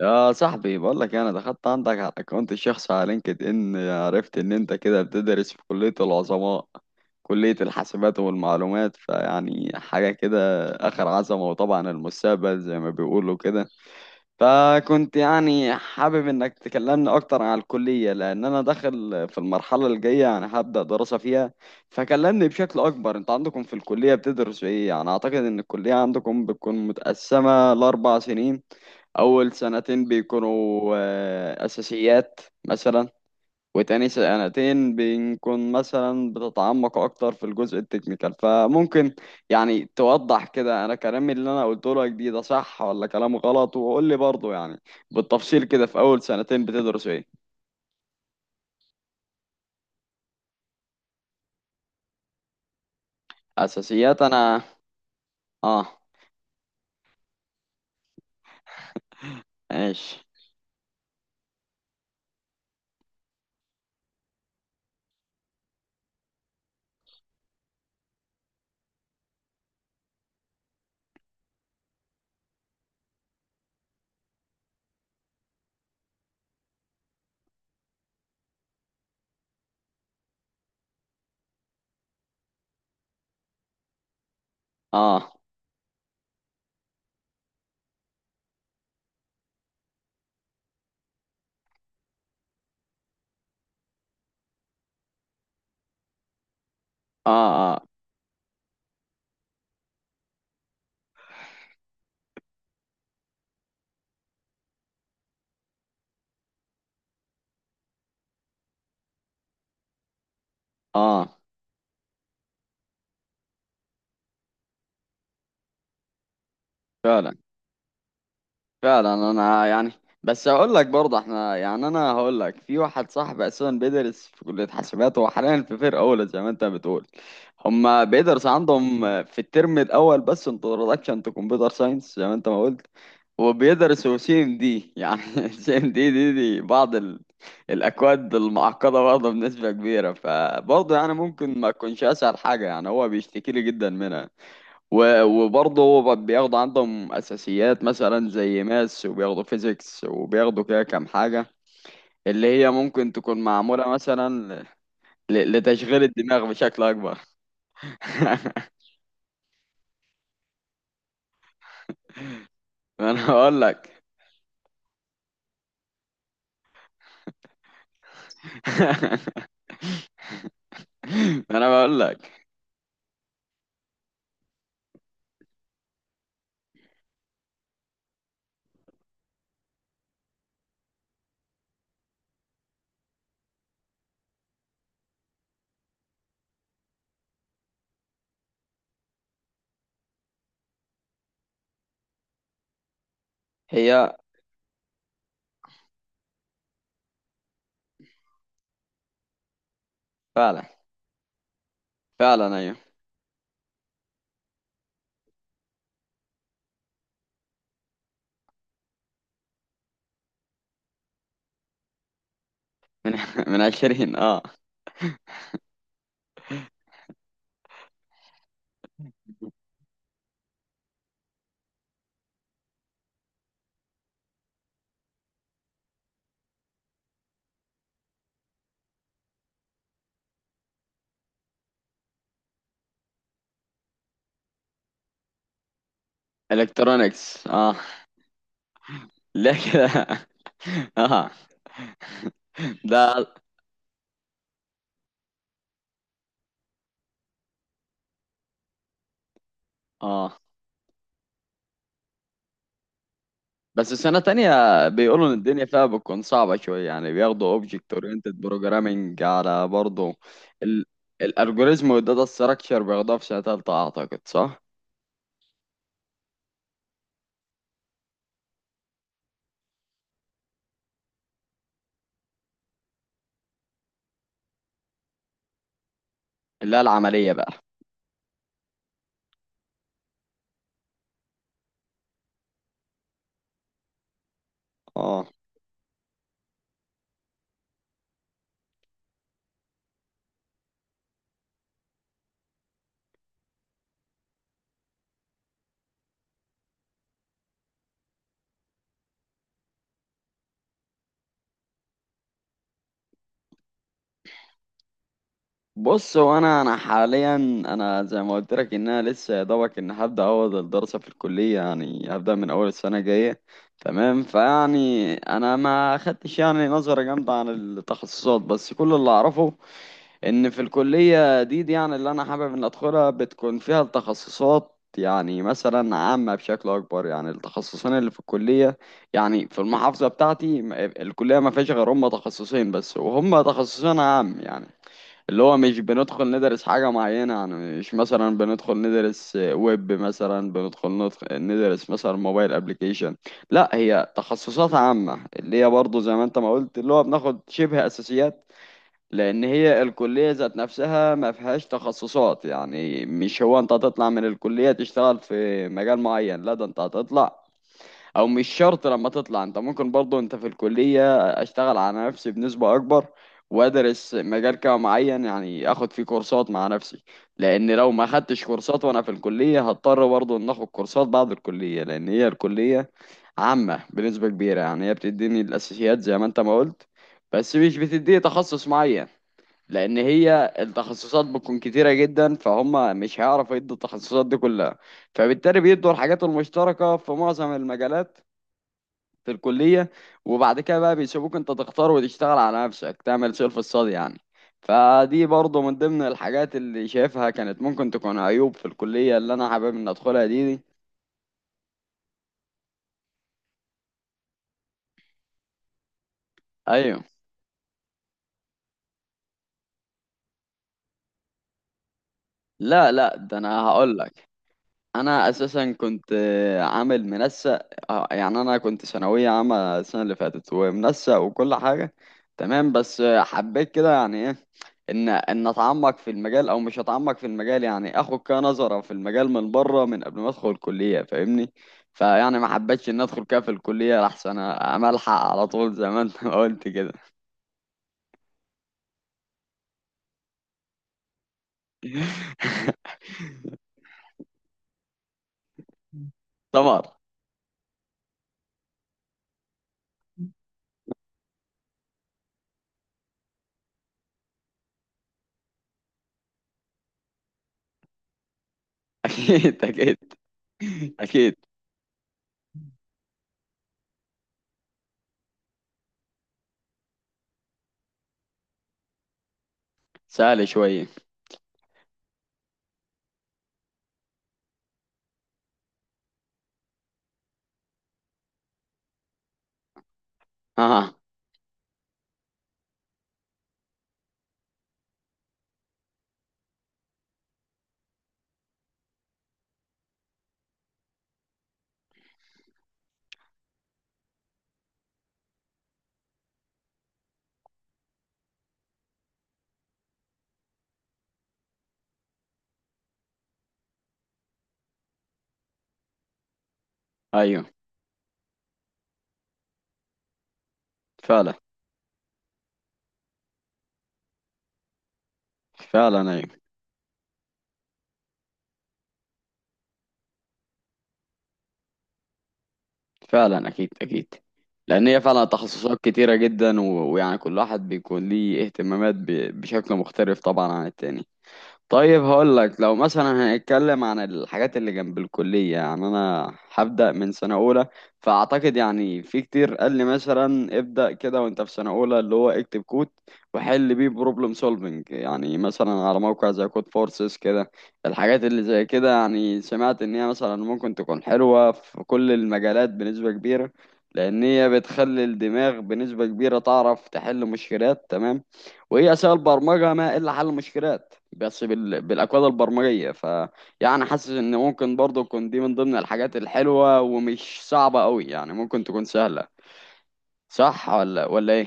يا صاحبي، بقول لك إيه، انا دخلت عندك على الاكونت الشخصي على لينكد ان، عرفت ان انت كده بتدرس في كلية العظماء، كلية الحاسبات والمعلومات، فيعني حاجة كده اخر عظمة، وطبعا المستقبل زي ما بيقولوا كده. فكنت يعني حابب انك تكلمني اكتر عن الكلية، لان انا داخل في المرحلة الجاية، يعني هبدأ دراسة فيها. فكلمني بشكل اكبر، انت عندكم في الكلية بتدرسوا ايه؟ يعني اعتقد ان الكلية عندكم بتكون متقسمة لـ4 سنين. أول سنتين بيكونوا أساسيات مثلا، وتاني سنتين بنكون مثلا بتتعمق أكتر في الجزء التكنيكال. فممكن يعني توضح كده، أنا كلامي اللي أنا قلته لك دي ده صح ولا كلام غلط؟ وقول لي برضه يعني بالتفصيل كده، في أول سنتين بتدرس إيه؟ أساسيات. أنا. آه. ماشي. آه. آه. آه. آه. فعلا. فعلا. انا يعني، بس هقول لك برضه، احنا يعني انا هقول لك، في واحد صاحبي اساسا بيدرس في كلية حاسبات، هو حاليا في فرقة اولى زي ما انت بتقول. هما بيدرس عندهم في الترم الاول بس انتروداكشن تو كمبيوتر ساينس زي ما انت ما قلت، وبيدرسوا سي ام دي يعني سي ام دي دي بعض الاكواد المعقدة برضه بنسبة كبيرة. فبرضه يعني ممكن ما تكونش اسهل حاجة، يعني هو بيشتكي لي جدا منها. وبرضه هو بياخدوا عندهم أساسيات مثلا زي ماس، وبياخدوا فيزيكس، وبياخدوا كده كام حاجة اللي هي ممكن تكون معمولة مثلا لتشغيل الدماغ بشكل أكبر. ما أنا بقول لك. ما أنا بقول لك. هي فعلا. فعلا أيوه. من من 20، اه. الكترونكس، اه. لا كده. اه. ده. اه. بس سنة تانية بيقولوا إن الدنيا فيها بتكون صعبة شوية، يعني بياخدوا Object Oriented Programming على برضه. ال الألجوريزم والداتا ستراكشر بياخدوها في سنة تالتة، أعتقد، صح؟ اللي هي العملية بقى. اه. بص، هو أنا حاليا، أنا زي ما قلت لك إن أنا لسه يا دوبك، إن هبدأ أول الدراسة في الكلية، يعني هبدأ من أول السنة الجاية. تمام. فيعني أنا ما خدتش يعني نظرة جامدة عن التخصصات، بس كل اللي أعرفه ان في الكلية دي يعني اللي انا حابب ان ادخلها، بتكون فيها التخصصات يعني مثلا عامة بشكل اكبر، يعني التخصصين اللي في الكلية. يعني في المحافظة بتاعتي الكلية ما فيهاش غير هم تخصصين بس، وهم تخصصين عام يعني، اللي هو مش بندخل ندرس حاجة معينة يعني. مش مثلا بندخل ندرس ويب، مثلا بندخل ندرس مثلا موبايل ابليكيشن. لا، هي تخصصات عامة، اللي هي برضه زي ما انت ما قلت اللي هو بناخد شبه اساسيات. لان هي الكليه ذات نفسها ما فيهاش تخصصات، يعني مش هو انت هتطلع من الكليه تشتغل في مجال معين، لا، ده انت هتطلع، او مش شرط لما تطلع. انت ممكن برضو انت في الكليه اشتغل على نفسي بنسبه اكبر، وادرس مجال كده معين، يعني اخد فيه كورسات مع نفسي. لان لو ما خدتش كورسات وانا في الكليه، هضطر برضو ان اخد كورسات بعد الكليه، لان هي الكليه عامه بنسبه كبيره، يعني هي بتديني الاساسيات زي ما انت ما قلت، بس مش بتديه تخصص معين. لان هي التخصصات بتكون كتيره جدا، فهم مش هيعرفوا يدوا التخصصات دي كلها، فبالتالي بيدوا الحاجات المشتركه في معظم المجالات في الكليه، وبعد كده بقى بيسيبوك انت تختار وتشتغل على نفسك تعمل سيلف ستادي يعني. فدي برضه من ضمن الحاجات اللي شايفها كانت ممكن تكون عيوب في الكليه اللي انا حابب ان ادخلها دي. ايوه. لا لا، ده انا هقول لك، انا اساسا كنت عامل منسق، يعني انا كنت ثانويه عامه السنه اللي فاتت، ومنسق وكل حاجه. تمام، بس حبيت كده يعني ايه، ان ان اتعمق في المجال، او مش اتعمق في المجال، يعني اخد كده نظره في المجال من بره، من قبل ما ادخل الكليه، فاهمني؟ فيعني ما حبيتش ان ادخل كده في الكليه، احسن املحق على طول زي ما انت ما قلت كده. طبعا. اكيد. اكيد اكيد. سهل شويه. اه. ايوه. فعلا. فعلا ايوه. فعلا اكيد اكيد. لان هي فعلا تخصصات كتيره جدا ويعني كل واحد بيكون ليه اهتمامات بشكل مختلف طبعا عن التاني. طيب هقول لك، لو مثلا هنتكلم عن الحاجات اللي جنب الكلية، يعني أنا هبدأ من سنة أولى، فأعتقد يعني في كتير قال لي مثلا ابدأ كده وأنت في سنة أولى اللي هو اكتب كود، وحل بيه بروبلم سولفنج، يعني مثلا على موقع زي كود فورسز كده. الحاجات اللي زي كده يعني، سمعت إن هي مثلا ممكن تكون حلوة في كل المجالات بنسبة كبيرة، لأن هي بتخلي الدماغ بنسبة كبيرة تعرف تحل مشكلات. تمام، وهي أساس البرمجة ما إلا حل المشكلات، بس بالأكواد البرمجية. ف يعني حاسس إن ممكن برضه تكون دي من ضمن الحاجات الحلوة، ومش صعبة أوي، يعني ممكن تكون سهلة. صح ولا إيه؟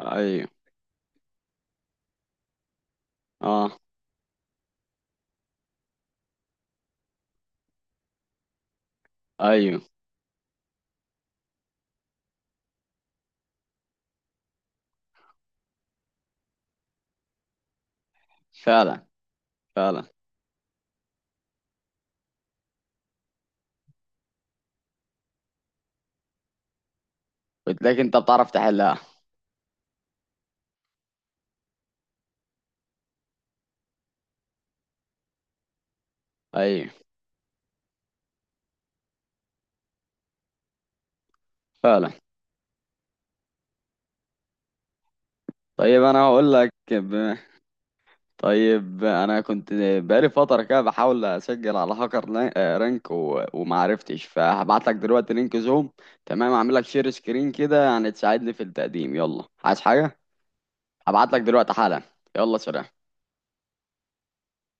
أيوه. أه. أيوه. فعلا. فعلا بتلاقي أنت بتعرف تحلها. أيوه فعلا. طيب أنا هقول لك طيب انا كنت بقالي فتره كده بحاول اسجل على هاكر رانك ومعرفتش، فهبعت لك دلوقتي لينك زوم، تمام، اعمل لك شير سكرين كده يعني تساعدني في التقديم. يلا، عايز حاجه؟ هبعت لك دلوقتي حالا. يلا، سلام.